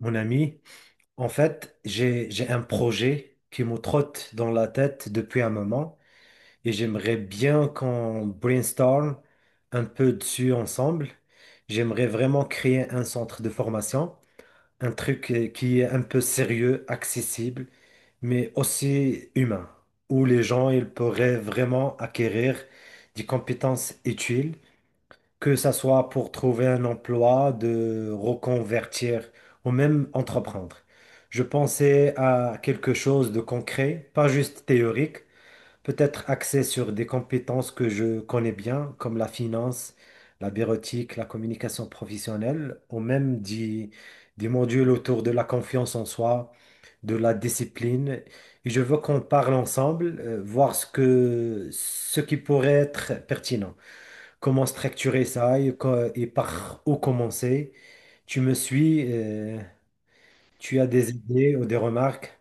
Mon ami, en fait, j'ai un projet qui me trotte dans la tête depuis un moment et j'aimerais bien qu'on brainstorm un peu dessus ensemble. J'aimerais vraiment créer un centre de formation, un truc qui est un peu sérieux, accessible, mais aussi humain, où les gens ils pourraient vraiment acquérir des compétences utiles que ça soit pour trouver un emploi, de reconvertir ou même entreprendre. Je pensais à quelque chose de concret, pas juste théorique, peut-être axé sur des compétences que je connais bien, comme la finance, la bureautique, la communication professionnelle, ou même des modules autour de la confiance en soi, de la discipline. Et je veux qu'on parle ensemble, voir ce qui pourrait être pertinent, comment structurer ça et, et par où commencer. Tu me suis, tu as des idées ou des remarques?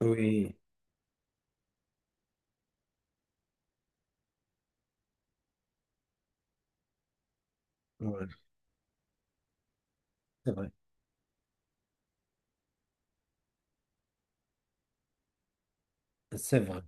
Oui, ouais, c'est vrai, c'est vrai.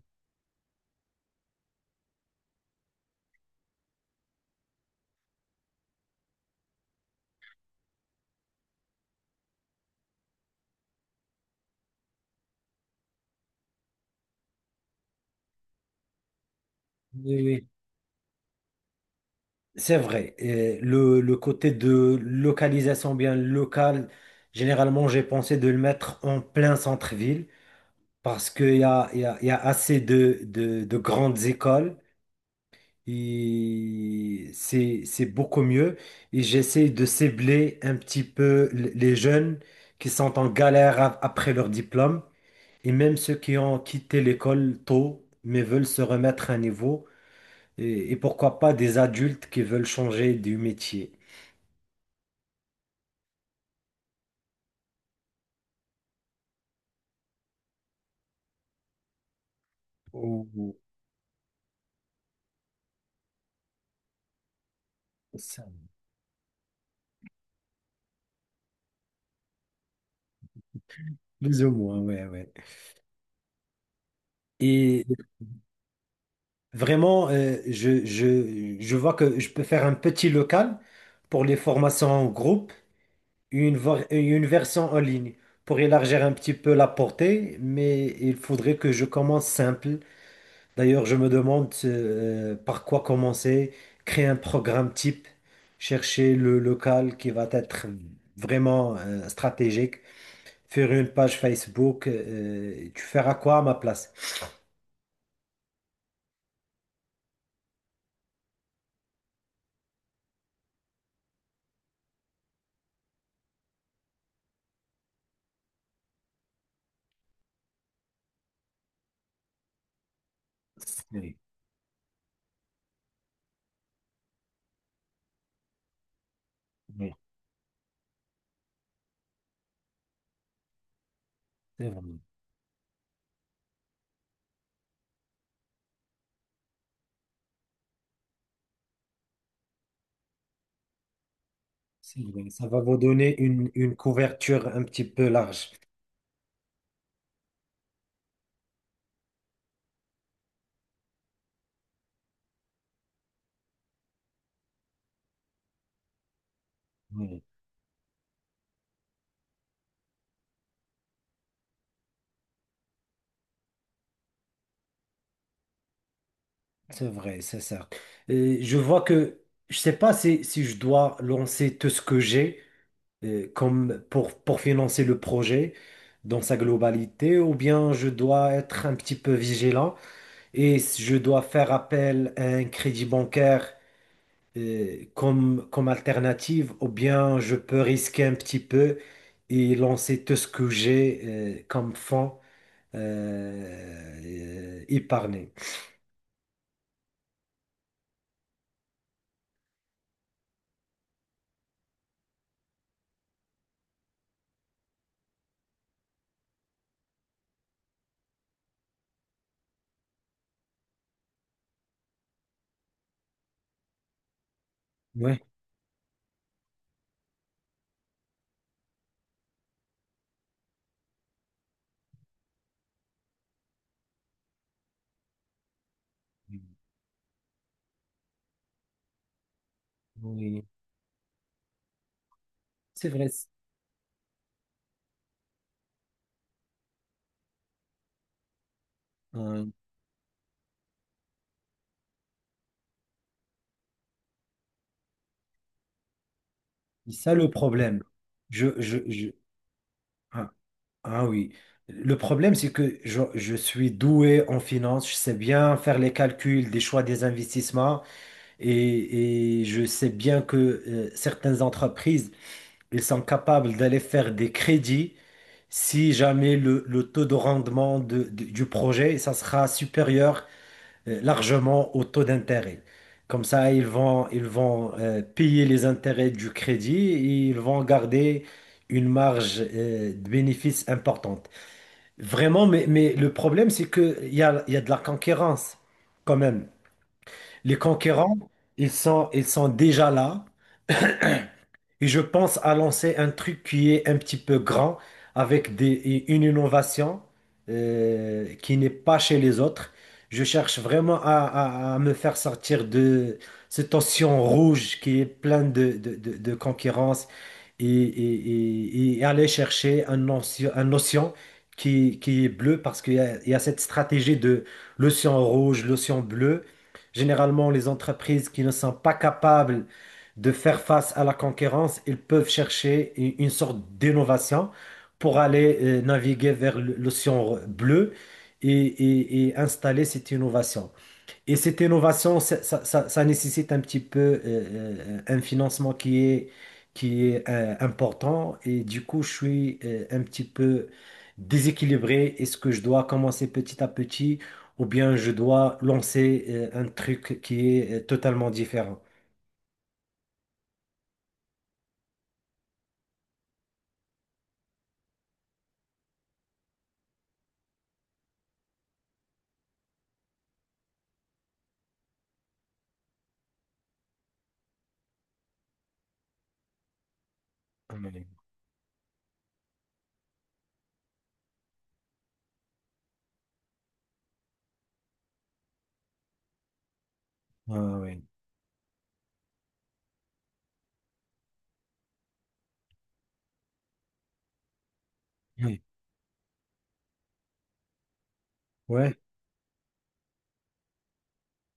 Oui, oui, c'est vrai. Et le côté de localisation bien locale, généralement, j'ai pensé de le mettre en plein centre-ville parce qu'il y a, il y a- il y a assez de grandes écoles. Et c'est beaucoup mieux. Et j'essaie de cibler un petit peu les jeunes qui sont en galère après leur diplôme et même ceux qui ont quitté l'école tôt mais veulent se remettre à niveau et pourquoi pas des adultes qui veulent changer du métier. Ou- ou- Ça, plus ou moins, ouais, ouais. Et vraiment, je vois que je peux faire un petit local pour les formations en groupe, une version en ligne pour élargir un petit peu la portée, mais il faudrait que je commence simple. D'ailleurs, je me demande par quoi commencer, créer un programme type, chercher le local qui va être vraiment stratégique, faire une page Facebook. Tu feras quoi à ma place? Oui, oui, c'est vrai, c'est vrai. Ça va vous donner une couverture un petit peu large. C'est vrai, c'est ça. Je vois que je sais pas si, si je dois lancer tout ce que j'ai comme pour financer le projet dans sa globalité, ou bien je dois être un petit peu vigilant et je dois faire appel à un crédit bancaire comme, comme alternative, ou bien je peux risquer un petit peu et lancer tout ce que j'ai comme fonds épargné. Ouais. Oui, c'est vrai. Hein, c'est ça le problème. Je, je, je- ah, ah oui. Le problème, c'est que je suis doué en finance, je sais bien faire les calculs des choix des investissements et je sais bien que certaines entreprises, ils sont capables d'aller faire des crédits si jamais le taux de rendement du projet, ça sera supérieur largement au taux d'intérêt. Comme ça, ils vont payer les intérêts du crédit et ils vont garder une marge de bénéfice importante. Vraiment, mais le problème, c'est il y a de la concurrence quand même. Les concurrents, ils sont déjà là. Et je pense à lancer un truc qui est un petit peu grand, avec une innovation qui n'est pas chez les autres. Je cherche vraiment à me faire sortir de cet océan rouge qui est plein de concurrence et, et aller chercher un océan qui est bleu parce il y a cette stratégie de l'océan rouge, l'océan bleu. Généralement, les entreprises qui ne sont pas capables de faire face à la concurrence, ils peuvent chercher une sorte d'innovation pour aller naviguer vers l'océan bleu et, et installer cette innovation. Et cette innovation, ça nécessite un petit peu un financement qui est important. Et du coup, je suis un petit peu déséquilibré. Est-ce que je dois commencer petit à petit ou bien je dois lancer un truc qui est totalement différent? Ouais. Ah oui. Oui, ouais,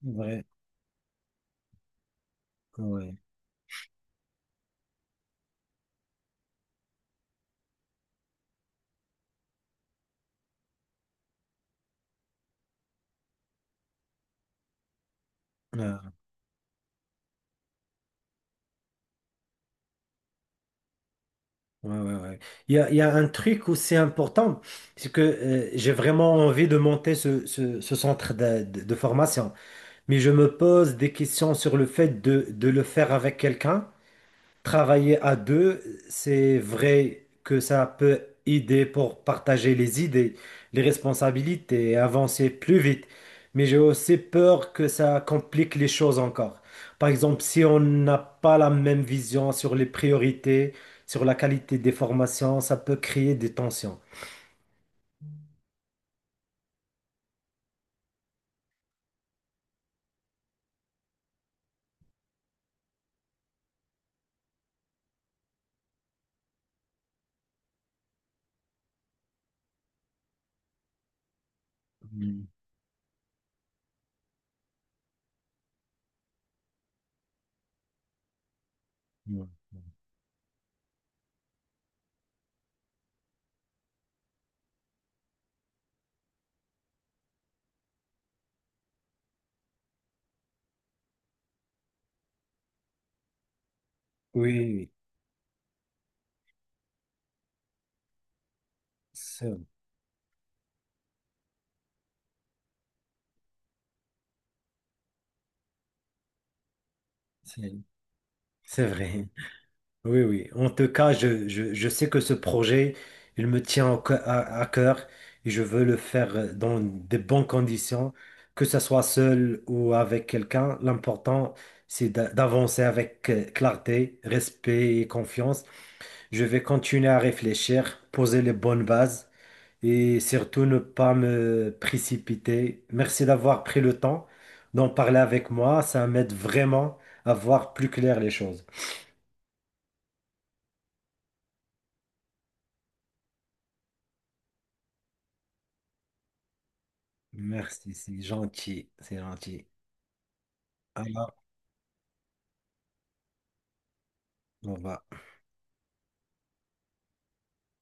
ouais, ouais. Euh, ouais, ouais, ouais. Il y a un truc aussi important, c'est que j'ai vraiment envie de monter ce centre de formation, mais je me pose des questions sur le fait de le faire avec quelqu'un. Travailler à deux, c'est vrai que ça peut aider pour partager les idées, les responsabilités et avancer plus vite. Mais j'ai aussi peur que ça complique les choses encore. Par exemple, si on n'a pas la même vision sur les priorités, sur la qualité des formations, ça peut créer des tensions. Mm, mm. Oui, oui, c'est c'est- c'est vrai. Oui, oui. En tout cas, je sais que ce projet, il me tient à cœur et je veux le faire dans de bonnes conditions, que ce soit seul ou avec quelqu'un. L'important, c'est d'avancer avec clarté, respect et confiance. Je vais continuer à réfléchir, poser les bonnes bases et surtout ne pas me précipiter. Merci d'avoir pris le temps d'en parler avec moi. Ça m'aide vraiment à voir plus clair les choses. Merci, c'est gentil, c'est gentil. Alors, on va,